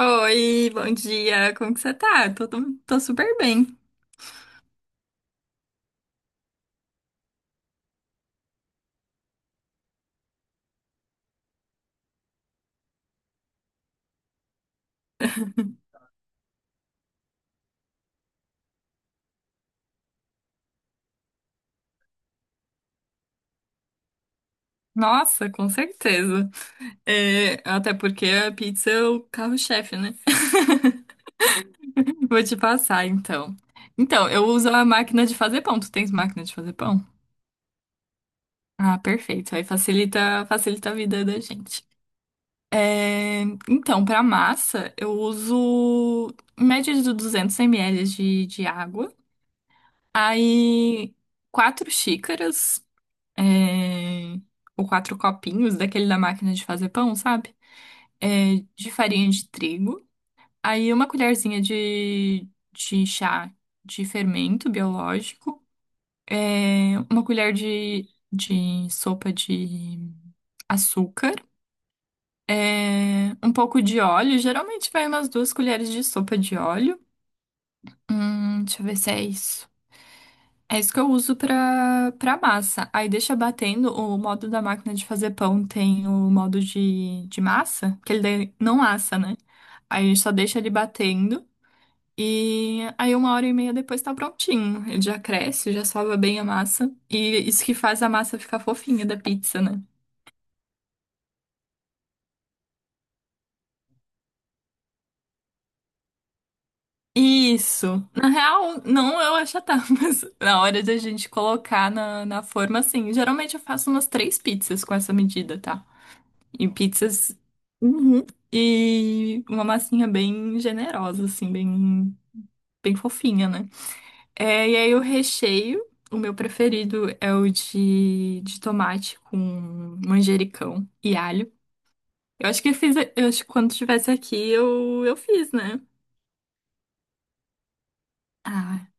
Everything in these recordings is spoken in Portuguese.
Oi, bom dia. Como que você tá? Tô super bem. Nossa, com certeza. É, até porque a pizza é o carro-chefe, né? Vou te passar, então. Então, eu uso a máquina de fazer pão. Tu tens máquina de fazer pão? Ah, perfeito. Aí facilita a vida da gente. É, então, para massa, eu uso em média de 200 ml de água. Aí, 4 xícaras. é, o 4 copinhos daquele da máquina de fazer pão, sabe? É, de farinha de trigo. Aí uma colherzinha de chá de fermento biológico. É, uma colher de sopa de açúcar. É, um pouco de óleo. Geralmente vai umas 2 colheres de sopa de óleo. Deixa eu ver se é isso. É isso que eu uso pra massa. Aí deixa batendo. O modo da máquina de fazer pão tem o modo de massa, que ele daí não assa, né? Aí a gente só deixa ele batendo. E aí 1 hora e meia depois tá prontinho. Ele já cresce, já sova bem a massa. E isso que faz a massa ficar fofinha da pizza, né? Isso. Na real, não eu achatar, mas na hora da gente colocar na forma, assim. Geralmente eu faço umas três pizzas com essa medida, tá? E pizzas. Uhum. E uma massinha bem generosa, assim, bem, bem fofinha, né? É, e aí o recheio, o meu preferido é o de tomate com manjericão e alho. Eu acho que quando estivesse aqui eu fiz, né? Ah,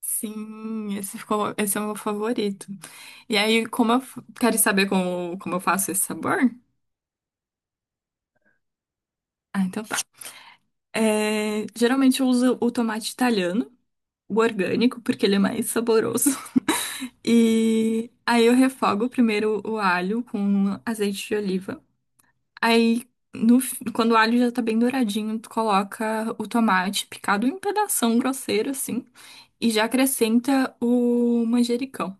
sim, esse é o meu favorito. E aí, quero saber como eu faço esse sabor? Ah, então tá. É, geralmente eu uso o tomate italiano. O orgânico, porque ele é mais saboroso. E aí eu refogo primeiro o alho com azeite de oliva. Aí, no, fi- quando o alho já tá bem douradinho, tu coloca o tomate picado em pedação grosseiro, assim, e já acrescenta o manjericão.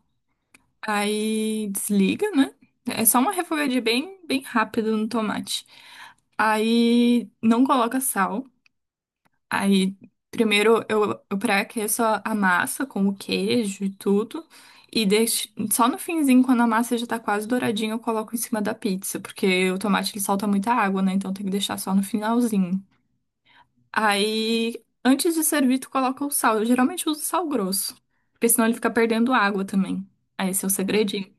Aí desliga, né? É só uma refogadinha bem, bem rápida no tomate. Aí não coloca sal. Aí, primeiro eu pré-aqueço a massa com o queijo e tudo. E deixo, só no finzinho, quando a massa já tá quase douradinha, eu coloco em cima da pizza, porque o tomate ele solta muita água, né? Então tem que deixar só no finalzinho. Aí, antes de servir, tu coloca o sal. Eu geralmente uso sal grosso, porque senão ele fica perdendo água também. Aí esse é o segredinho.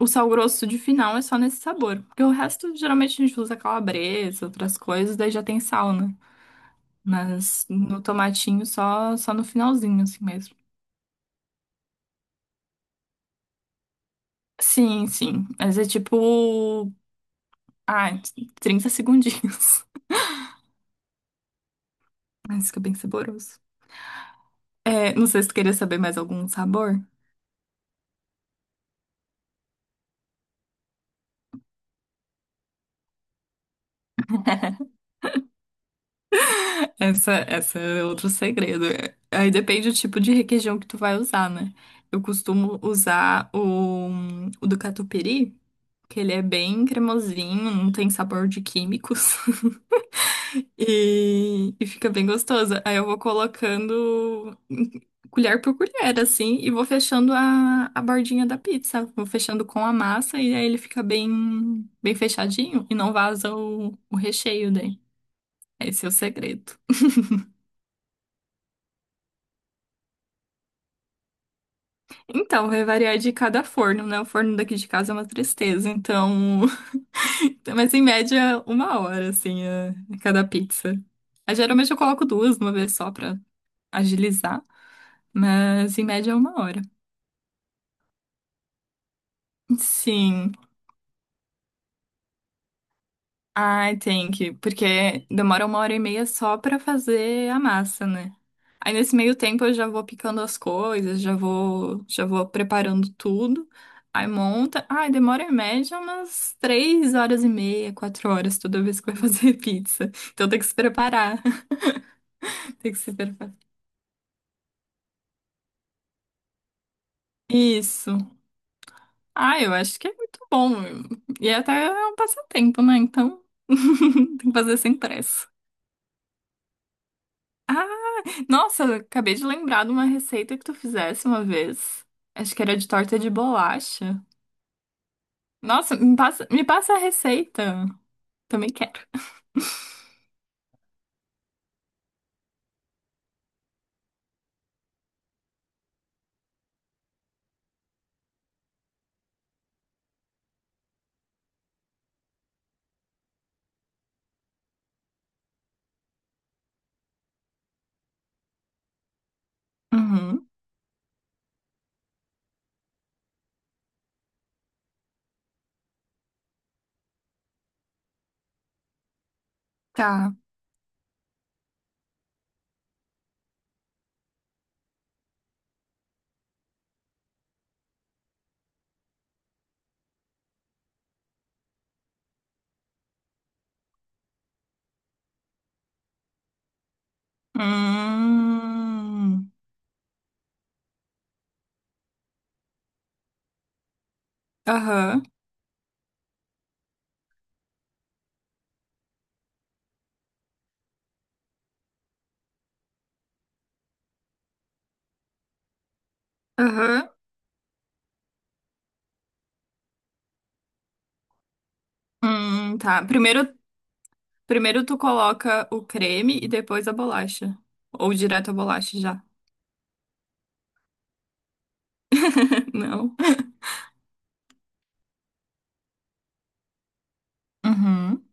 O sal grosso de final é só nesse sabor, porque o resto geralmente a gente usa calabresa, outras coisas, daí já tem sal, né? Mas no tomatinho só no finalzinho, assim mesmo. Sim, sim. Mas é tipo. Ah, 30 segundinhos. Mas fica bem saboroso. É, não sei se tu queria saber mais algum sabor. Essa é outro segredo. Aí depende do tipo de requeijão que tu vai usar, né? Eu costumo usar o do Catupiry, que ele é bem cremosinho, não tem sabor de químicos. E fica bem gostosa. Aí eu vou colocando colher por colher, assim, e vou fechando a bordinha da pizza. Vou fechando com a massa e aí ele fica bem, bem fechadinho e não vaza o recheio daí. Esse é o segredo. Então, vai variar de cada forno, né? O forno daqui de casa é uma tristeza, então. Mas em média, 1 hora, assim, cada pizza. Aí, geralmente eu coloco duas, uma vez só pra agilizar, mas em média é 1 hora. Sim. Ai, tem que, porque demora 1 hora e meia só pra fazer a massa, né? Aí nesse meio tempo eu já vou picando as coisas, já vou preparando tudo. Aí monta. Ai, demora em média umas 3 horas e meia, 4 horas toda vez que vai fazer pizza. Então tem que se preparar, tem que se preparar. Isso. Ah, eu acho que é muito bom. E até é um passatempo, né? Então, tem que fazer sem pressa. Nossa, eu acabei de lembrar de uma receita que tu fizesse uma vez. Acho que era de torta de bolacha. Nossa, me passa a receita. Também quero. Uhum, tá. Hum, aham, aham. Tá. Primeiro tu coloca o creme e depois a bolacha. Ou direto a bolacha já. Não. Uhum,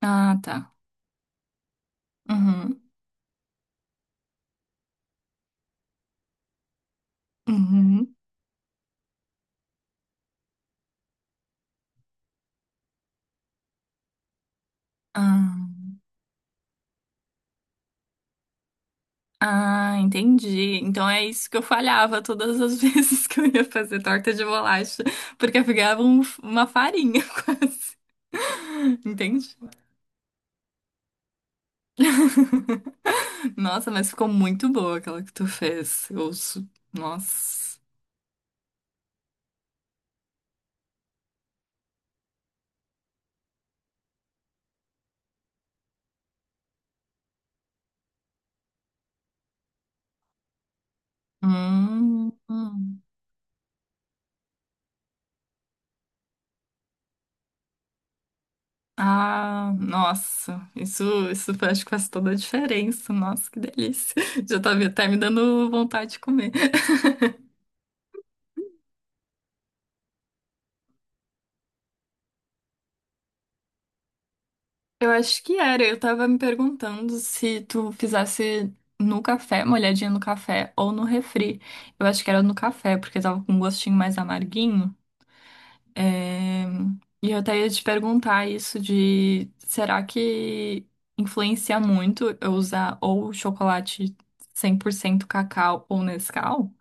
ah, tá. Uhum, uhum. Ah, ah, entendi. Então é isso que eu falhava todas as vezes que eu ia fazer torta de bolacha, porque eu pegava uma farinha quase. Entendi. Nossa, mas ficou muito boa aquela que tu fez. Nossa. Hum. Ah, nossa, isso acho que faz toda a diferença. Nossa, que delícia. Tá me dando vontade de comer. Eu acho que era. Eu tava me perguntando se tu fizesse no café, molhadinha no café ou no refri. Eu acho que era no café, porque tava com um gostinho mais amarguinho. É, E eu até ia te perguntar isso de será que influencia muito eu usar ou chocolate 100% cacau ou Nescau?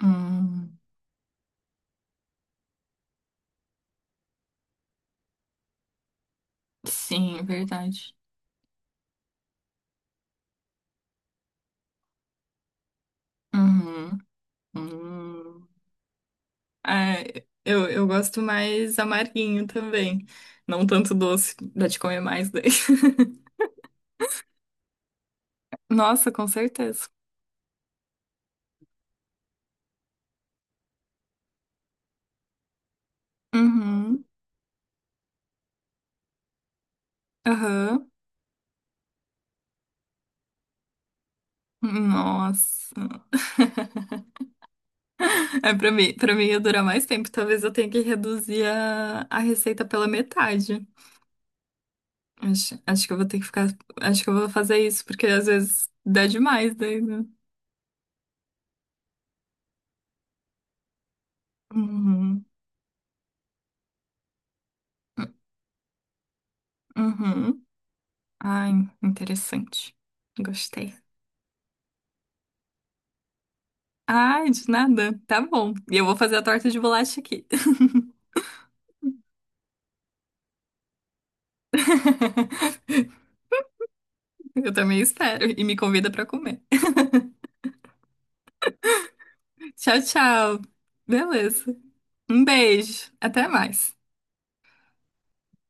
Hum, sim, é verdade. Uhum, hum. É, eu gosto mais amarguinho também. Não tanto doce, dá de comer mais daí. Nossa, com certeza. Uhum, aham. Nossa. É, pra mim ia durar mais tempo. Talvez eu tenha que reduzir a receita pela metade. Acho que eu vou ter que ficar. Acho que eu vou fazer isso, porque às vezes dá demais daí, né? Uhum, uhum. Ai, interessante. Gostei. Ai, de nada. Tá bom. E eu vou fazer a torta de bolacha aqui. Eu também espero. E me convida pra comer. Tchau, tchau. Beleza. Um beijo. Até mais.